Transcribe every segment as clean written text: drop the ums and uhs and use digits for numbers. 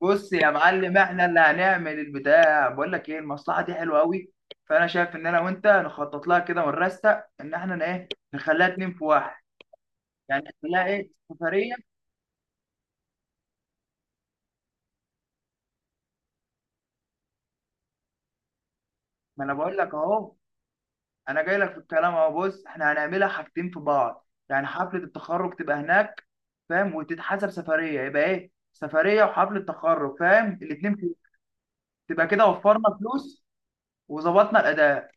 بص يا معلم، احنا اللي هنعمل البتاع. بقول لك ايه، المصلحه دي حلوه قوي. فانا شايف ان انا وانت نخطط لها كده، ونرستق ان احنا ايه، نخليها اتنين في واحد. يعني نخليها ايه، سفريه. ما انا بقول لك اهو، انا جاي لك في الكلام اهو. بص، احنا هنعملها حاجتين في بعض، يعني حفله التخرج تبقى هناك، فاهم، وتتحسب سفريه، يبقى ايه، سفريه وحفله تخرج، فاهم، الاتنين في. تبقى كده، وفرنا فلوس وظبطنا الاداء.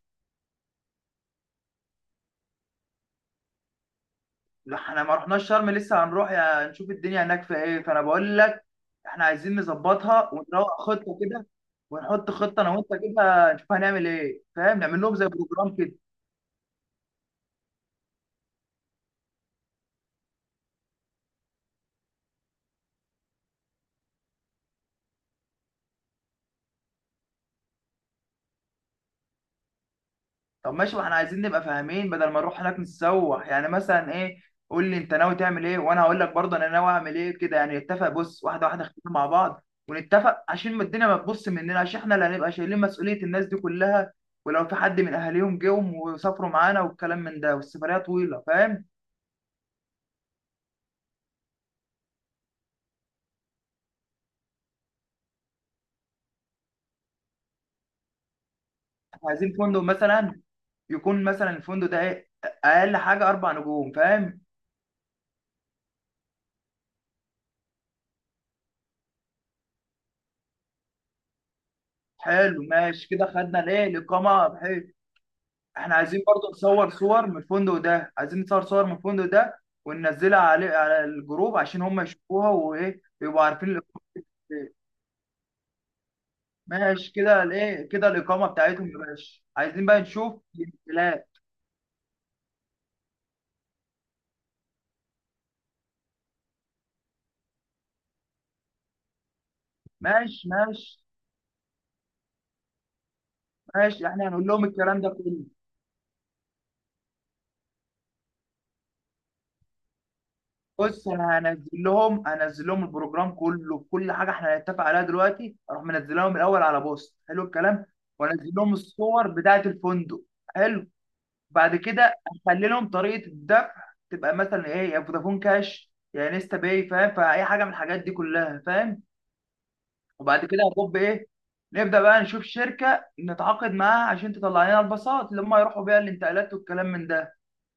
لا احنا ما رحناش شرم، لسه هنروح، يا نشوف الدنيا هناك في ايه، فانا بقول لك احنا عايزين نظبطها ونروق خطه كده. ونحط خطه انا وانت كده، نشوف هنعمل ايه، فاهم، نعمل لهم زي بروجرام كده. طب ماشي، ما احنا عايزين نبقى فاهمين، بدل ما نروح هناك نتسوح، يعني مثلا ايه. قول لي انت ناوي تعمل ايه، وانا هقول لك برضه انا ناوي اعمل ايه، كده يعني نتفق. بص، واحده واحده اختار مع بعض ونتفق، عشان ما الدنيا ما تبص مننا، عشان احنا اللي هنبقى شايلين مسؤوليه الناس دي كلها. ولو في حد من اهاليهم جم وسافروا معانا والكلام من ده، والسفريه طويله، فاهم. عايزين فندق مثلا، يكون مثلا الفندق ده ايه، اقل حاجه 4 نجوم، فاهم. حلو ماشي كده، خدنا ليه الاقامه بحيث احنا عايزين برضو نصور صور من الفندق ده. عايزين نصور صور من الفندق ده، وننزلها عليه على الجروب، عشان هم يشوفوها، وايه، يبقوا عارفين. الايه، ماشي كده، الايه كده الاقامه بتاعتهم يا باشا، عايزين بقى نشوف الامتلاك. ماشي، ماشي، ماشي، احنا هنقول لهم الكلام ده كله. بص، انا هنزل لهم البروجرام كله، بكل حاجه احنا هنتفق عليها دلوقتي. اروح منزل لهم الاول على بوست حلو الكلام، وانزل لهم الصور بتاعه الفندق. حلو، بعد كده اخلي لهم طريقه الدفع، تبقى مثلا ايه، يا فودافون كاش يا انستا باي، فاهم، فاي حاجه من الحاجات دي كلها، فاهم. وبعد كده هطب ايه، نبدا بقى نشوف شركه نتعاقد معاها عشان تطلع لنا الباصات اللي هم يروحوا بيها، الانتقالات والكلام من ده.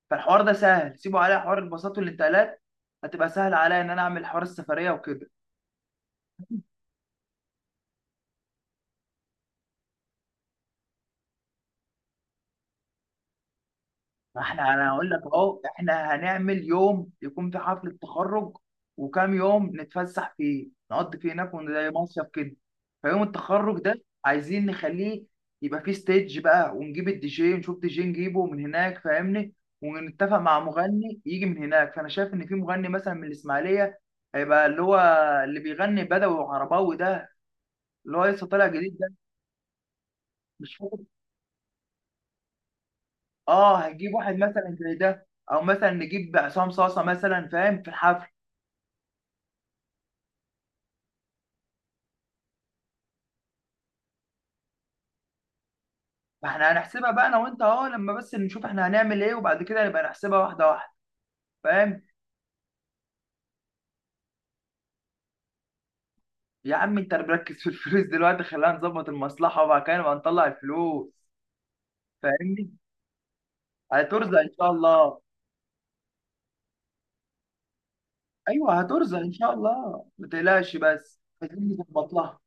فالحوار ده سهل، سيبوا عليا حوار الباصات والانتقالات. هتبقى سهل عليا ان انا اعمل حوار السفريه وكده. ما احنا، انا هقول لك اهو، احنا هنعمل يوم يكون في حفله تخرج، وكام يوم نتفسح فيه نقضي فيه هناك زي مصيف كده. فيوم التخرج ده، عايزين نخليه يبقى فيه ستيج بقى، ونجيب الدي جي، نشوف دي جي نجيبه من هناك، فاهمني. ونتفق مع مغني يجي من هناك، فانا شايف ان في مغني مثلا من الاسماعيليه، هيبقى اللي هو اللي بيغني بدوي وعرباوي ده، اللي هو لسه طالع جديد. مش فاكر. اه هنجيب واحد مثلا زي ده، او مثلا نجيب عصام صاصه مثلا، فاهم، في الحفل. فاحنا هنحسبها بقى انا وانت اهو، لما بس نشوف احنا هنعمل ايه، وبعد كده نبقى نحسبها واحده واحده، فاهم. يا عم، انت مركز في الفلوس دلوقتي. خلينا نظبط المصلحه وبعد كده نبقى نطلع الفلوس، فاهمني. هترزق ان شاء الله. ايوه، هترزق ان شاء الله، ما تقلقش، بس عايزين نظبط لها.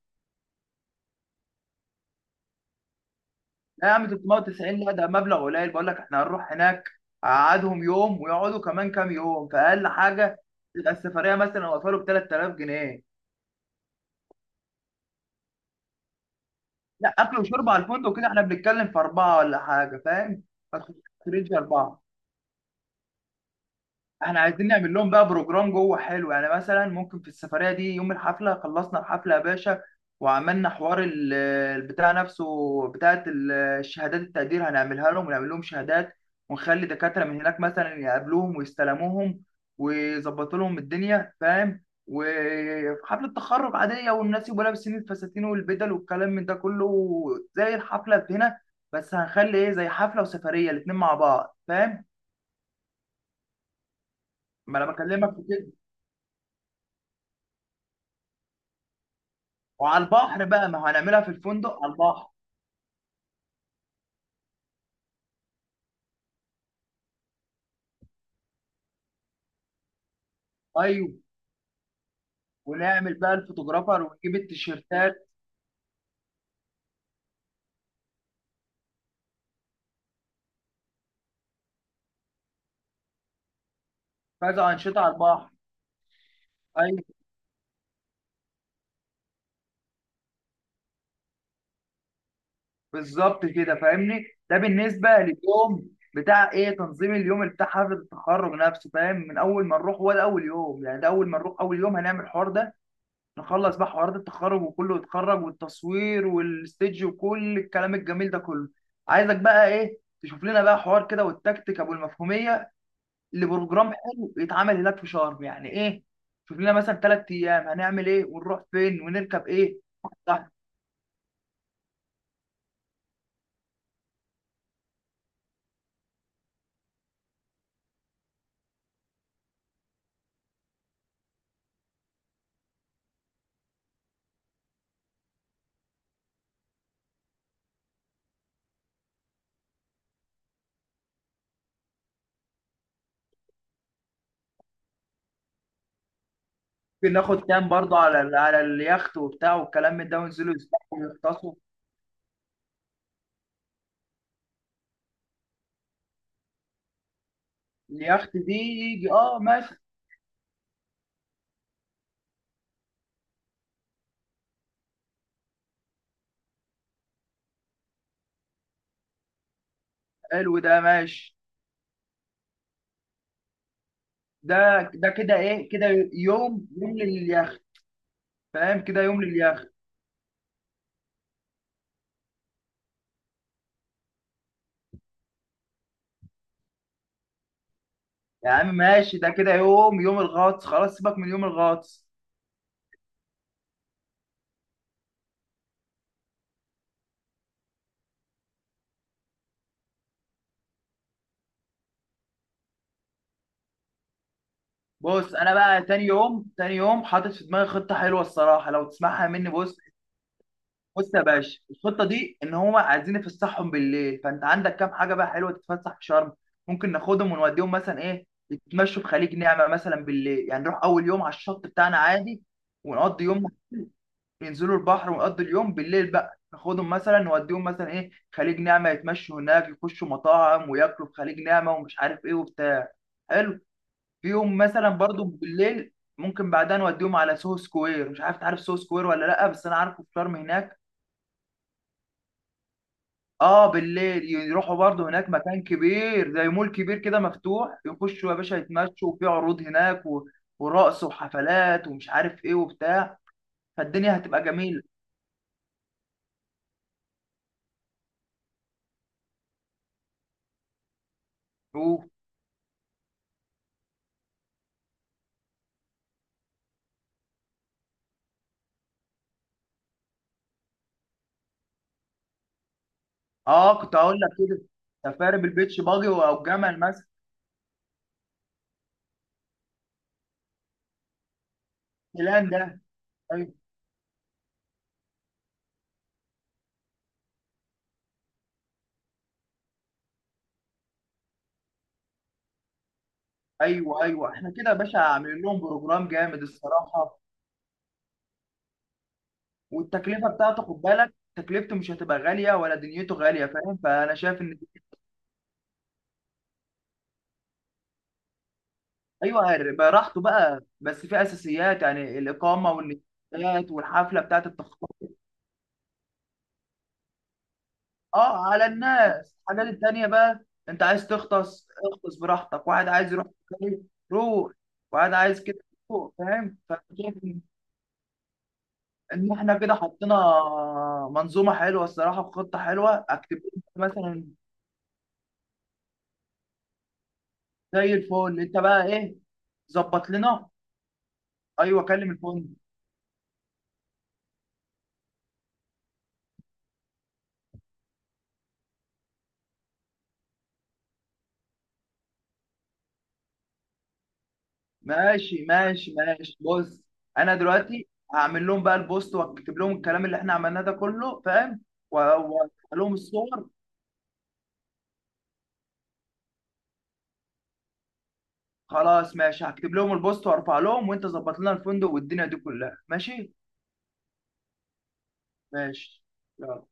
لا يا عم، 390 لا، ده مبلغ قليل، بقول لك احنا هنروح هناك، قعدهم يوم ويقعدوا كمان كام يوم، فاقل حاجه تبقى السفريه مثلا وصلوا ب 3000 جنيه. لا، اكل وشرب على الفندق، كده احنا بنتكلم في اربعه ولا حاجه، فاهم. ما تخرجش اربعه. احنا عايزين نعمل لهم بقى بروجرام جوه حلو، يعني مثلا ممكن في السفرية دي يوم الحفلة، خلصنا الحفلة يا باشا، وعملنا البتاع نفسه، بتاعة الشهادات التقدير هنعملها لهم، ونعمل لهم شهادات. ونخلي دكاترة من هناك مثلا يقابلوهم ويستلموهم، ويظبطوا لهم الدنيا، فاهم، وحفلة تخرج عادية، والناس يبقوا لابسين الفساتين والبدل والكلام من ده كله، زي الحفلة هنا، بس هنخلي ايه، زي حفلة وسفرية الاتنين مع بعض، فاهم. ما انا بكلمك في كده. وعلى البحر بقى، ما هو هنعملها في الفندق على البحر. ايوه، ونعمل بقى الفوتوغرافر ونجيب التيشيرتات. كذا انشطه على البحر. ايوه، بالظبط كده، فاهمني، ده بالنسبه لليوم بتاع ايه، تنظيم اليوم بتاع حفله التخرج نفسه، فاهم، من اول ما نروح هو ده اول يوم، يعني ده اول ما نروح اول يوم هنعمل الحوار ده. نخلص بقى حوارات التخرج وكله يتخرج، والتصوير والستيج وكل الكلام الجميل ده كله. عايزك بقى ايه، تشوف لنا بقى حوار كده والتكتيك ابو المفهوميه لبروجرام حلو يتعمل هناك في شرم، يعني ايه. شوف لنا مثلا 3 ايام هنعمل ايه، ونروح فين، ونركب ايه. صح. ممكن ناخد كام برضه على اليخت وبتاع والكلام من ده، وننزلوا يسبحوا ويغطسوا. اليخت دي يجي. اه ماشي. حلو ده ماشي. ده ده كده ايه، كده يوم يوم لليخت، فاهم كده، يوم لليخت. يا عم ماشي، ده كده يوم يوم الغطس، خلاص سيبك من يوم الغطس. بص انا بقى تاني يوم، تاني يوم حاطط في دماغي خطه حلوه الصراحه، لو تسمعها مني، بص. بص يا باشا، الخطه دي ان هو عايزين يفسحهم بالليل، فانت عندك كام حاجه بقى حلوه تتفسح في شرم. ممكن ناخدهم ونوديهم مثلا ايه، يتمشوا في خليج نعمه مثلا بالليل، يعني نروح اول يوم على الشط بتاعنا عادي، ونقضي يوم، ينزلوا البحر ونقضي اليوم. بالليل بقى ناخدهم مثلا، نوديهم مثلا ايه خليج نعمه، يتمشوا هناك يخشوا مطاعم وياكلوا في خليج نعمه، ومش عارف ايه وبتاع. حلو. في يوم مثلا برضو بالليل ممكن بعدها نوديهم على سوهو سكوير، مش عارف تعرف سوهو سكوير ولا لا، بس انا عارفه في شرم هناك. اه بالليل يروحوا برضه هناك، مكان كبير زي مول كبير كده مفتوح، يخشوا يا باشا يتمشوا، وفي عروض هناك ورقص وحفلات ومش عارف ايه وبتاع، فالدنيا هتبقى جميلة. شوف، اه كنت هقول لك كده، سفاري بالبيتش باجي او جمل مثلا. الان ده. ايوه، ايوه، ايوه، احنا كده يا باشا عاملين لهم بروجرام جامد الصراحة. والتكلفة بتاعته، خد بالك تكلفته مش هتبقى غالية ولا دنيته غالية، فاهم، فانا شايف ان ايوه هيبقى راحته بقى، بس في اساسيات يعني الاقامه والاستاد والحفله بتاعت التخطيط. اه، على الناس الحاجات التانيه بقى، انت عايز تغطس اغطس براحتك، واحد عايز يروح مكان، روح. واحد عايز كده روح، فاهم، فانا شايف ان إن احنا كده حطينا منظومه حلوه الصراحه، وخطه حلوه اكتيفيتي مثلا، زي الفل. انت بقى ايه، ظبط لنا. ايوه، كلم الفندق. ماشي، ماشي، ماشي، بص انا دلوقتي هعمل لهم بقى البوست، واكتب لهم الكلام اللي احنا عملناه ده كله، فاهم، وارفع لهم الصور. خلاص ماشي، هكتب لهم البوست وارفع لهم، وانت ظبط لنا الفندق والدنيا دي كلها، ماشي، ماشي، يلا.